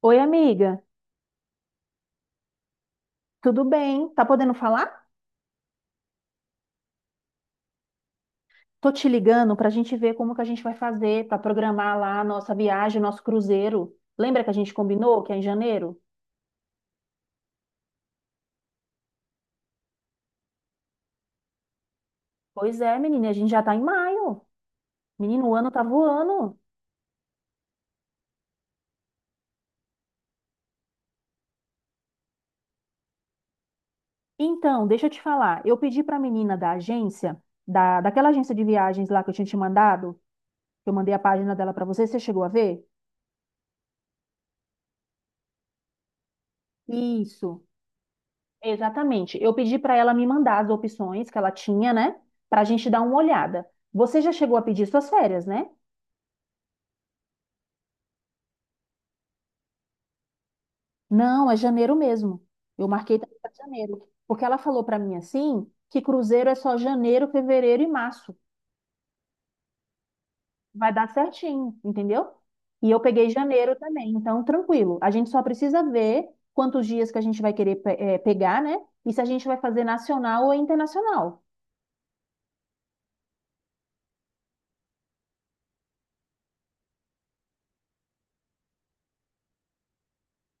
Oi, amiga, tudo bem? Tá podendo falar? Tô te ligando pra gente ver como que a gente vai fazer pra programar lá a nossa viagem, o nosso cruzeiro. Lembra que a gente combinou que é em janeiro? Pois é, menina, a gente já tá em maio. Menino, o ano tá voando. Então, deixa eu te falar. Eu pedi pra menina da agência, daquela agência de viagens lá que eu tinha te mandado, que eu mandei a página dela pra você, você chegou a ver? Isso. Exatamente. Eu pedi para ela me mandar as opções que ela tinha, né? Para a gente dar uma olhada. Você já chegou a pedir suas férias, né? Não, é janeiro mesmo. Eu marquei também para janeiro. Porque ela falou para mim assim que cruzeiro é só janeiro, fevereiro e março. Vai dar certinho, entendeu? E eu peguei janeiro também, então tranquilo. A gente só precisa ver quantos dias que a gente vai querer pegar, né? E se a gente vai fazer nacional ou internacional.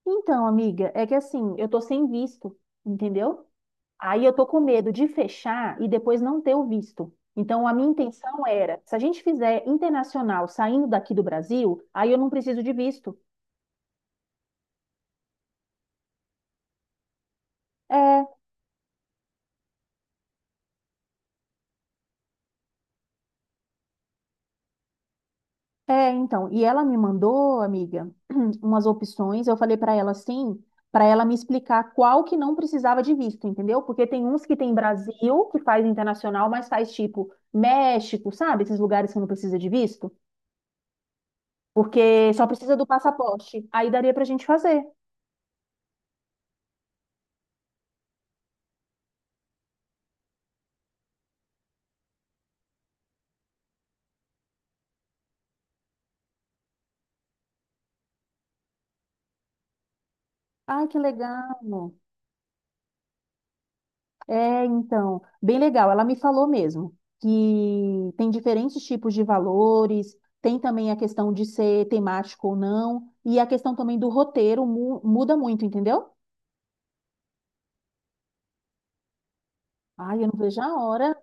Então, amiga, é que assim, eu tô sem visto, entendeu? Aí eu tô com medo de fechar e depois não ter o visto. Então, a minha intenção era, se a gente fizer internacional saindo daqui do Brasil, aí eu não preciso de visto. É, então. E ela me mandou, amiga, umas opções. Eu falei para ela assim, para ela me explicar qual que não precisava de visto, entendeu? Porque tem uns que tem Brasil, que faz internacional, mas faz tipo México, sabe? Esses lugares que não precisa de visto, porque só precisa do passaporte. Aí daria pra gente fazer. Ai, que legal. É, então, bem legal. Ela me falou mesmo que tem diferentes tipos de valores, tem também a questão de ser temático ou não, e a questão também do roteiro muda muito, entendeu? Ai, eu não vejo a hora.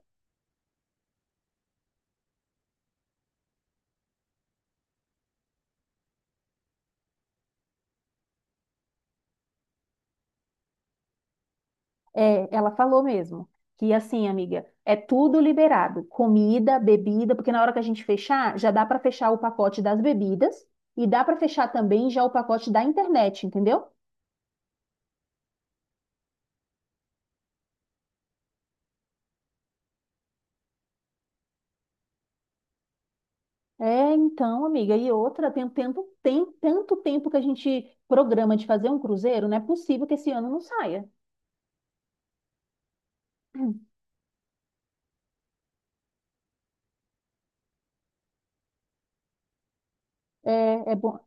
É, ela falou mesmo que assim, amiga, é tudo liberado, comida, bebida, porque na hora que a gente fechar, já dá para fechar o pacote das bebidas e dá para fechar também já o pacote da internet, entendeu? É, então, amiga, e outra, tem tanto tempo que a gente programa de fazer um cruzeiro, não é possível que esse ano não saia. É, é bom,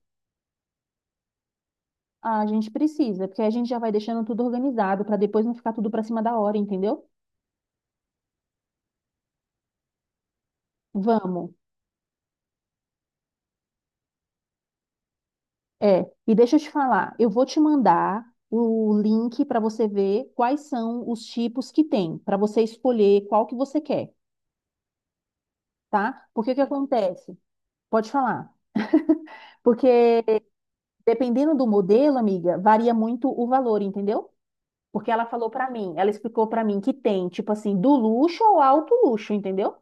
a gente precisa, porque a gente já vai deixando tudo organizado para depois não ficar tudo para cima da hora, entendeu? Vamos. É, e deixa eu te falar, eu vou te mandar o link para você ver quais são os tipos que tem, para você escolher qual que você quer, tá? Porque o que acontece? Pode falar. Porque dependendo do modelo, amiga, varia muito o valor, entendeu? Porque ela falou pra mim, ela explicou pra mim que tem, tipo assim, do luxo ao alto luxo, entendeu?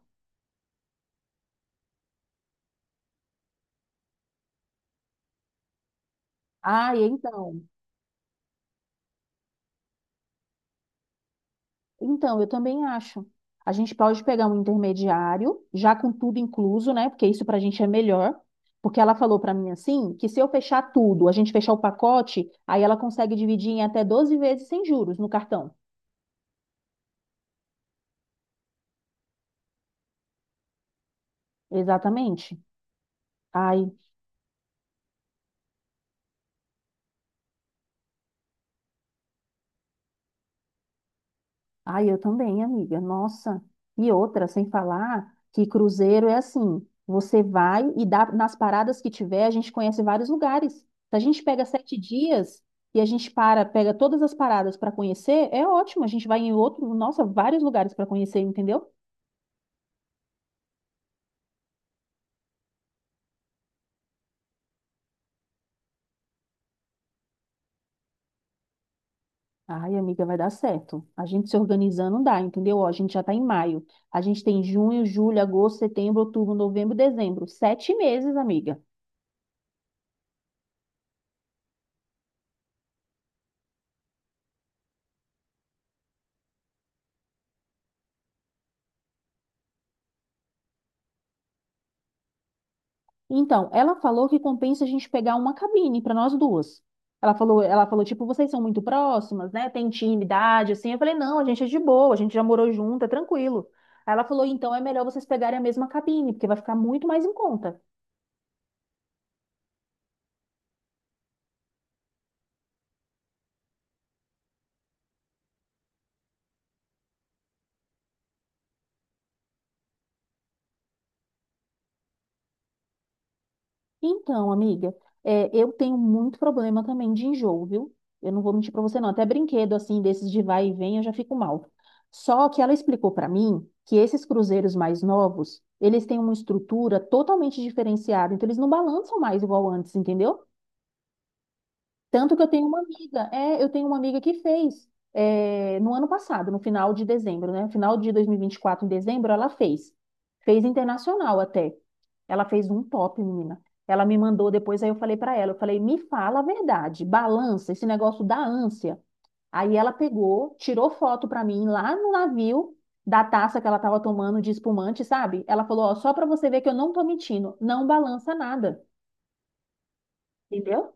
Ah, e então. Então, eu também acho. A gente pode pegar um intermediário, já com tudo incluso, né? Porque isso pra gente é melhor. Porque ela falou pra mim assim, que se eu fechar tudo, a gente fechar o pacote, aí ela consegue dividir em até 12 vezes sem juros no cartão. Exatamente. Ai, Ai, eu também, amiga. Nossa. E outra, sem falar que cruzeiro é assim, você vai e dá nas paradas que tiver, a gente conhece vários lugares. Se a gente pega 7 dias e a gente para, pega todas as paradas para conhecer, é ótimo. A gente vai em outro, nossa, vários lugares para conhecer, entendeu? Ai, amiga, vai dar certo. A gente se organizando dá, entendeu? Ó, a gente já tá em maio. A gente tem junho, julho, agosto, setembro, outubro, novembro, dezembro. 7 meses, amiga. Então, ela falou que compensa a gente pegar uma cabine para nós duas. Ela falou, tipo, vocês são muito próximas, né? Tem intimidade, assim. Eu falei, não, a gente é de boa, a gente já morou junto, é tranquilo. Aí ela falou, então é melhor vocês pegarem a mesma cabine, porque vai ficar muito mais em conta. Então, amiga, é, eu tenho muito problema também de enjoo, viu? Eu não vou mentir pra você, não. Até brinquedo assim, desses de vai e vem, eu já fico mal. Só que ela explicou pra mim que esses cruzeiros mais novos, eles têm uma estrutura totalmente diferenciada, então eles não balançam mais igual antes, entendeu? Tanto que eu tenho uma amiga que fez no ano passado, no final de dezembro, né? Final de dois mil e vinte e quatro em dezembro, ela fez. Fez internacional até. Ela fez um top, menina. Ela me mandou depois, aí eu falei pra ela, eu falei, me fala a verdade, balança esse negócio da ânsia. Aí ela pegou, tirou foto pra mim lá no navio da taça que ela tava tomando de espumante, sabe? Ela falou, ó, só pra você ver que eu não tô mentindo, não balança nada, entendeu?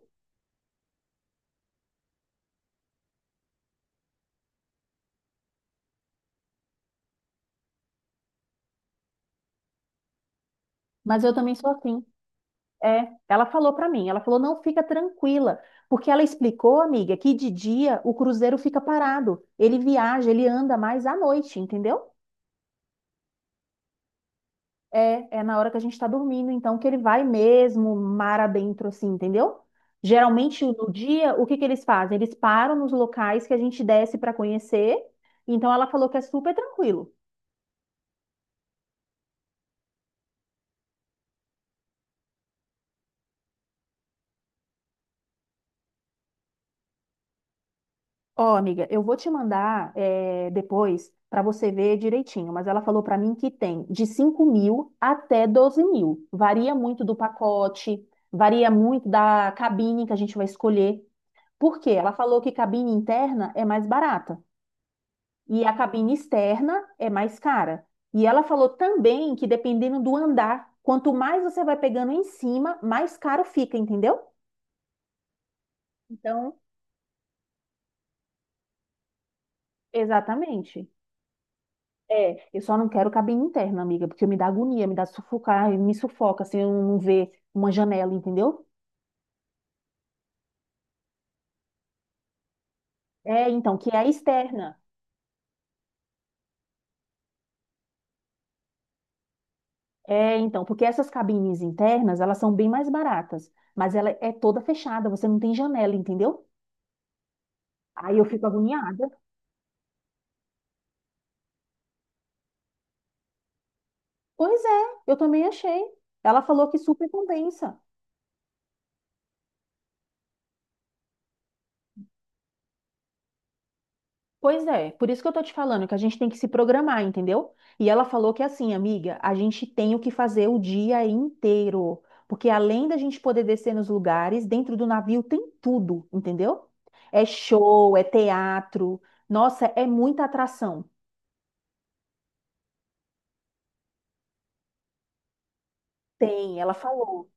Mas eu também sou assim. É, ela falou pra mim, ela falou, não, fica tranquila, porque ela explicou, amiga, que de dia o cruzeiro fica parado, ele viaja, ele anda mais à noite, entendeu? É, é na hora que a gente tá dormindo, então que ele vai mesmo mar adentro, assim, entendeu? Geralmente no dia, o que que eles fazem? Eles param nos locais que a gente desce pra conhecer, então ela falou que é super tranquilo. Ó, amiga, eu vou te mandar depois para você ver direitinho, mas ela falou para mim que tem de 5.000 até 12.000. Varia muito do pacote, varia muito da cabine que a gente vai escolher. Por quê? Ela falou que cabine interna é mais barata e a cabine externa é mais cara. E ela falou também que dependendo do andar, quanto mais você vai pegando em cima, mais caro fica, entendeu? Então, exatamente. É, eu só não quero cabine interna, amiga, porque me dá agonia, me dá sufocar, me sufoca, assim, eu não ver uma janela, entendeu? É, então, que é a externa. É, então, porque essas cabines internas, elas são bem mais baratas, mas ela é toda fechada, você não tem janela, entendeu? Aí eu fico agoniada. Pois é, eu também achei. Ela falou que super compensa. Pois é, por isso que eu tô te falando que a gente tem que se programar, entendeu? E ela falou que é assim, amiga, a gente tem o que fazer o dia inteiro, porque além da gente poder descer nos lugares, dentro do navio tem tudo, entendeu? É show, é teatro, nossa, é muita atração. Tem, ela falou.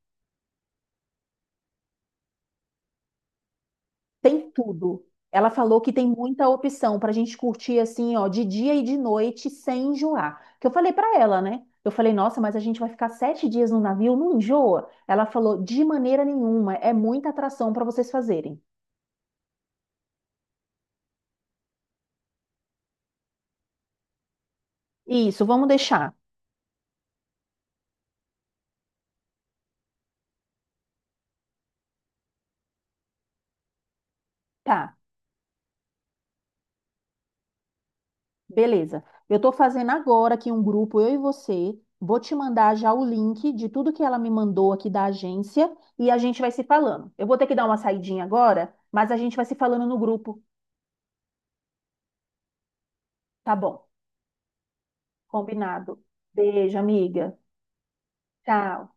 Tem tudo. Ela falou que tem muita opção para a gente curtir assim, ó, de dia e de noite sem enjoar. Que eu falei para ela, né? Eu falei, nossa, mas a gente vai ficar 7 dias no navio, não enjoa? Ela falou, de maneira nenhuma, é muita atração para vocês fazerem. Isso, vamos deixar. Tá, beleza. Eu tô fazendo agora aqui um grupo, eu e você. Vou te mandar já o link de tudo que ela me mandou aqui da agência e a gente vai se falando. Eu vou ter que dar uma saidinha agora, mas a gente vai se falando no grupo, tá bom? Combinado. Beijo, amiga. Tchau.